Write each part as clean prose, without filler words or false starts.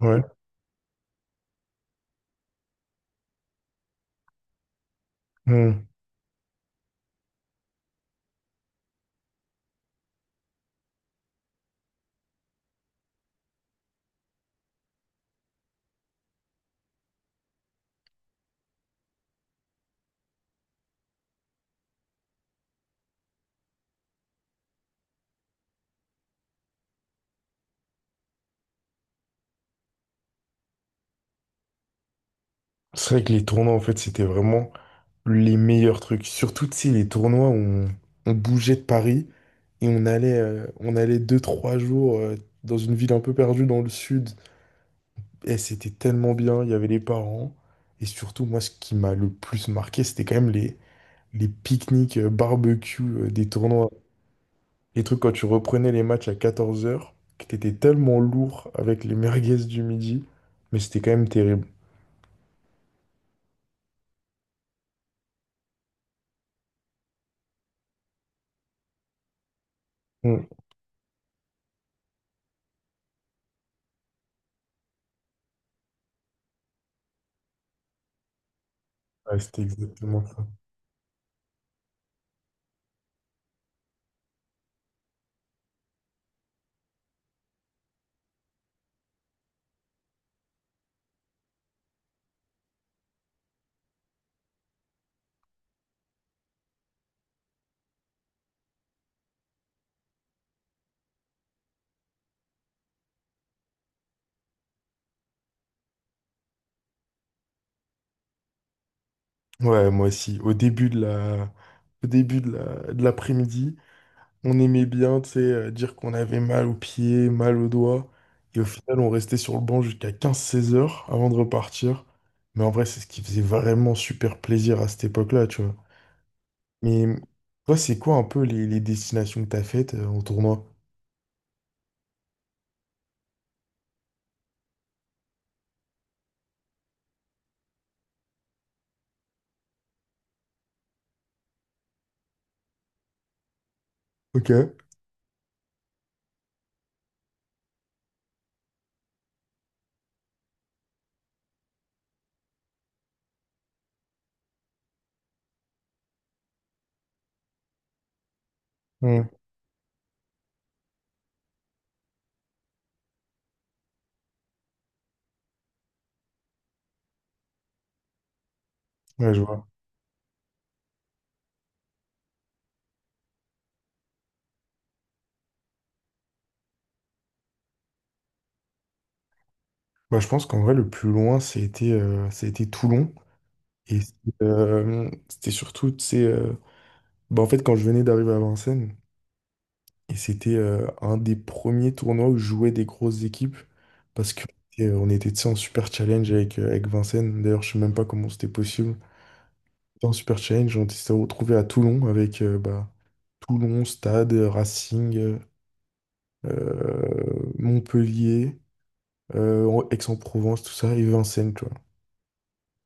Ouais. Hmm. C'est vrai que les tournois, en fait, c'était vraiment les meilleurs trucs. Surtout, tu sais, les tournois, où on bougeait de Paris et on allait deux, trois jours dans une ville un peu perdue dans le sud. Et c'était tellement bien, il y avait les parents. Et surtout, moi, ce qui m'a le plus marqué, c'était quand même les pique-niques barbecue des tournois. Les trucs quand tu reprenais les matchs à 14 heures que t'étais tellement lourd avec les merguez du midi. Mais c'était quand même terrible. Hmm. Ouais, c'était exactement ça. Ouais, moi aussi. Au début de l'après-midi, on aimait bien, tu sais, dire qu'on avait mal aux pieds, mal aux doigts. Et au final, on restait sur le banc jusqu'à 15-16 heures avant de repartir. Mais en vrai, c'est ce qui faisait vraiment super plaisir à cette époque-là, tu vois. Mais toi, c'est quoi un peu les destinations que t'as faites en tournoi? Ok. Hmm. Ouais, je vois. Bah, je pense qu'en vrai, le plus loin, c'était ça a été Toulon. Et c'était surtout, tu sais, bah, en fait, quand je venais d'arriver à Vincennes. Et c'était un des premiers tournois où jouaient des grosses équipes parce que on était, tu sais, en super challenge avec Vincennes. D'ailleurs, je sais même pas comment c'était possible. En super challenge, on s'est retrouvé à Toulon avec bah, Toulon, Stade, Racing, Montpellier, Aix-en-Provence, tout ça, et Vincennes, tu vois.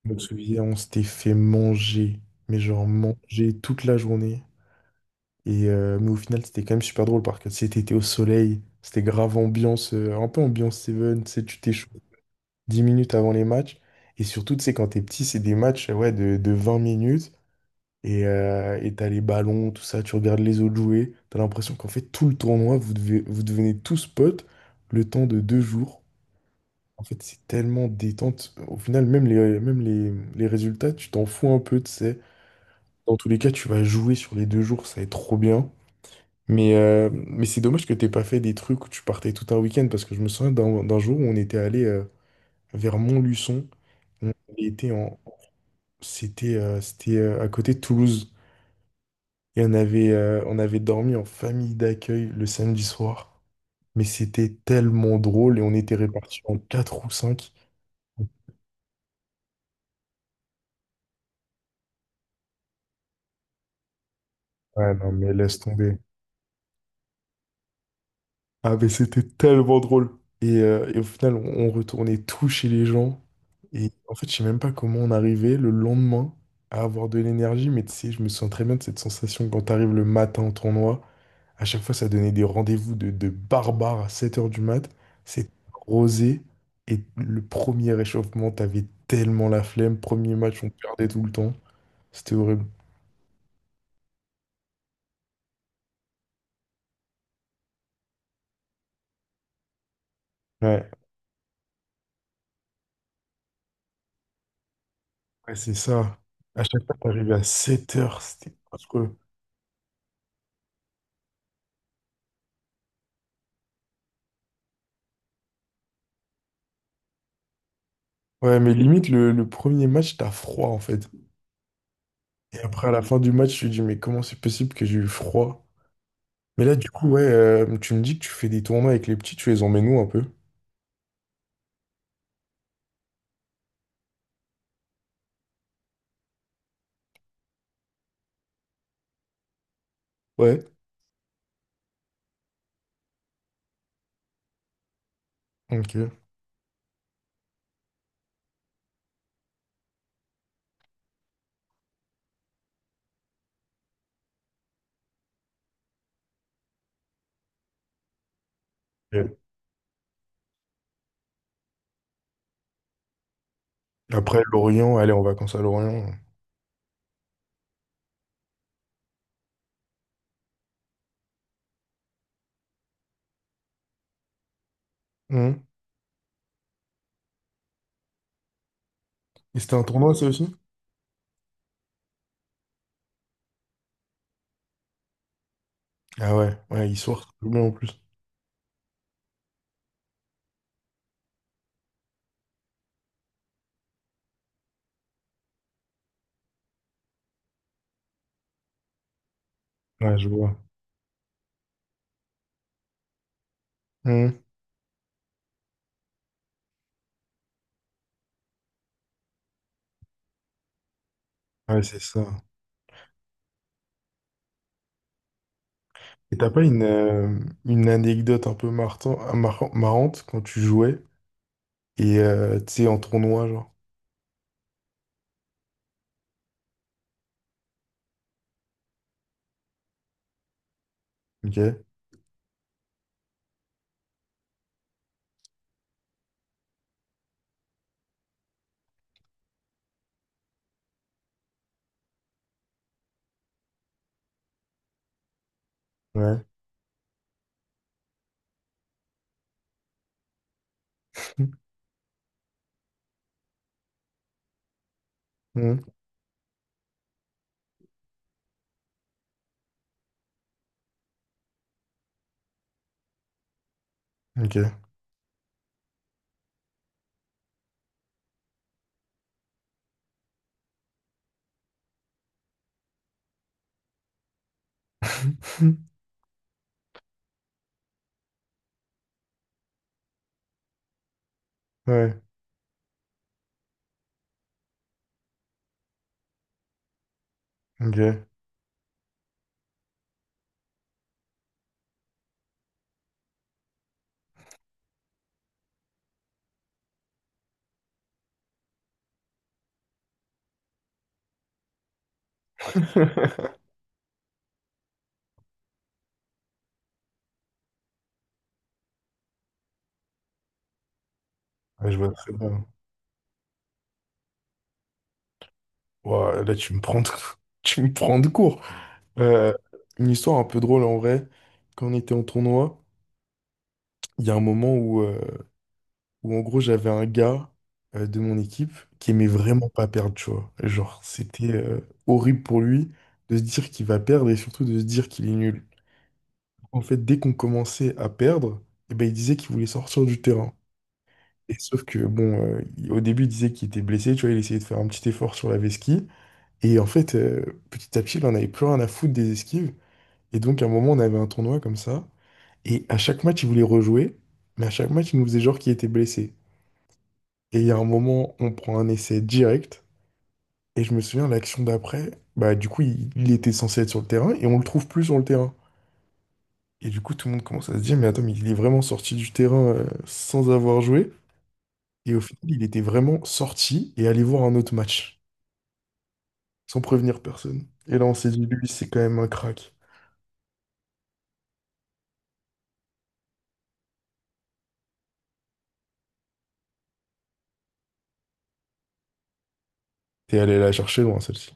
Je me souviens, on s'était fait manger, mais genre manger toute la journée. Et, mais au final, c'était quand même super drôle parce que c'était été au soleil, c'était grave ambiance, un peu ambiance Seven, tu sais, tu t'échauffes 10 minutes avant les matchs. Et surtout, tu sais, quand t'es petit, c'est des matchs ouais, de 20 minutes et t'as les ballons, tout ça, tu regardes les autres jouer. T'as l'impression qu'en fait, tout le tournoi, vous devenez tous potes le temps de deux jours. En fait, c'est tellement détente. Au final, les résultats, tu t'en fous un peu, tu sais. Dans tous les cas, tu vas jouer sur les deux jours, ça va être trop bien. Mais c'est dommage que t'aies pas fait des trucs où tu partais tout un week-end parce que je me souviens d'un jour où on était allé vers Montluçon. On était en, c'était c'était À côté de Toulouse et on avait dormi en famille d'accueil le samedi soir. Mais c'était tellement drôle et on était répartis en quatre ou cinq. Ouais, non, mais laisse tomber. Ah, mais c'était tellement drôle. Et au final, on retournait tout chez les gens. Et en fait, je sais même pas comment on arrivait le lendemain à avoir de l'énergie. Mais tu sais, je me sens très bien de cette sensation quand t'arrives le matin au tournoi. À chaque fois, ça donnait des rendez-vous de barbares à 7 heures du mat. C'est rosé. Et le premier réchauffement, t'avais tellement la flemme. Premier match, on perdait tout le temps. C'était horrible. Ouais, ouais, c'est ça. À chaque fois, t'arrivais à 7 heures. C'était affreux. Ouais, mais limite, le premier match, t'as froid en fait. Et après, à la fin du match, je me dis, mais comment c'est possible que j'ai eu froid? Mais là, du coup, ouais, tu me dis que tu fais des tournois avec les petits, tu les emmènes où un peu? Ouais. Ok. Et après, Lorient, aller en vacances à Lorient. Hum. Et c'était un tournoi, ça aussi? Ah ouais, ouais, ils sortent tout bien en plus. Ouais, je vois. Hum. Ouais, c'est ça. Et t'as pas une anecdote un peu marrante quand tu jouais et tu sais, en tournoi, genre? Ok. Ouais. Hum. Ok. Ouais, ok. Ouais, je vois très bien. Ouah, là, tu me prends de tu me prends de court. Euh, une histoire un peu drôle en vrai. Quand on était en tournoi, il y a un moment où en gros, j'avais un gars de mon équipe qui aimait vraiment pas perdre, tu vois. Genre, c'était horrible pour lui de se dire qu'il va perdre et surtout de se dire qu'il est nul. En fait, dès qu'on commençait à perdre, eh ben, il disait qu'il voulait sortir du terrain. Et sauf que, bon, au début, il disait qu'il était blessé, tu vois, il essayait de faire un petit effort sur la vesquie. Et en fait, petit à petit, il en avait plus rien à foutre des esquives. Et donc, à un moment, on avait un tournoi comme ça. Et à chaque match, il voulait rejouer. Mais à chaque match, il nous faisait genre qu'il était blessé. Et il y a un moment, on prend un essai direct. Et je me souviens, l'action d'après, bah, du coup, il était censé être sur le terrain et on le trouve plus sur le terrain. Et du coup, tout le monde commence à se dire, mais attends, mais il est vraiment sorti du terrain, sans avoir joué. Et au final, il était vraiment sorti et allé voir un autre match, sans prévenir personne. Et là, on s'est dit, lui, c'est quand même un crack. T'es allé la chercher loin, celle-ci.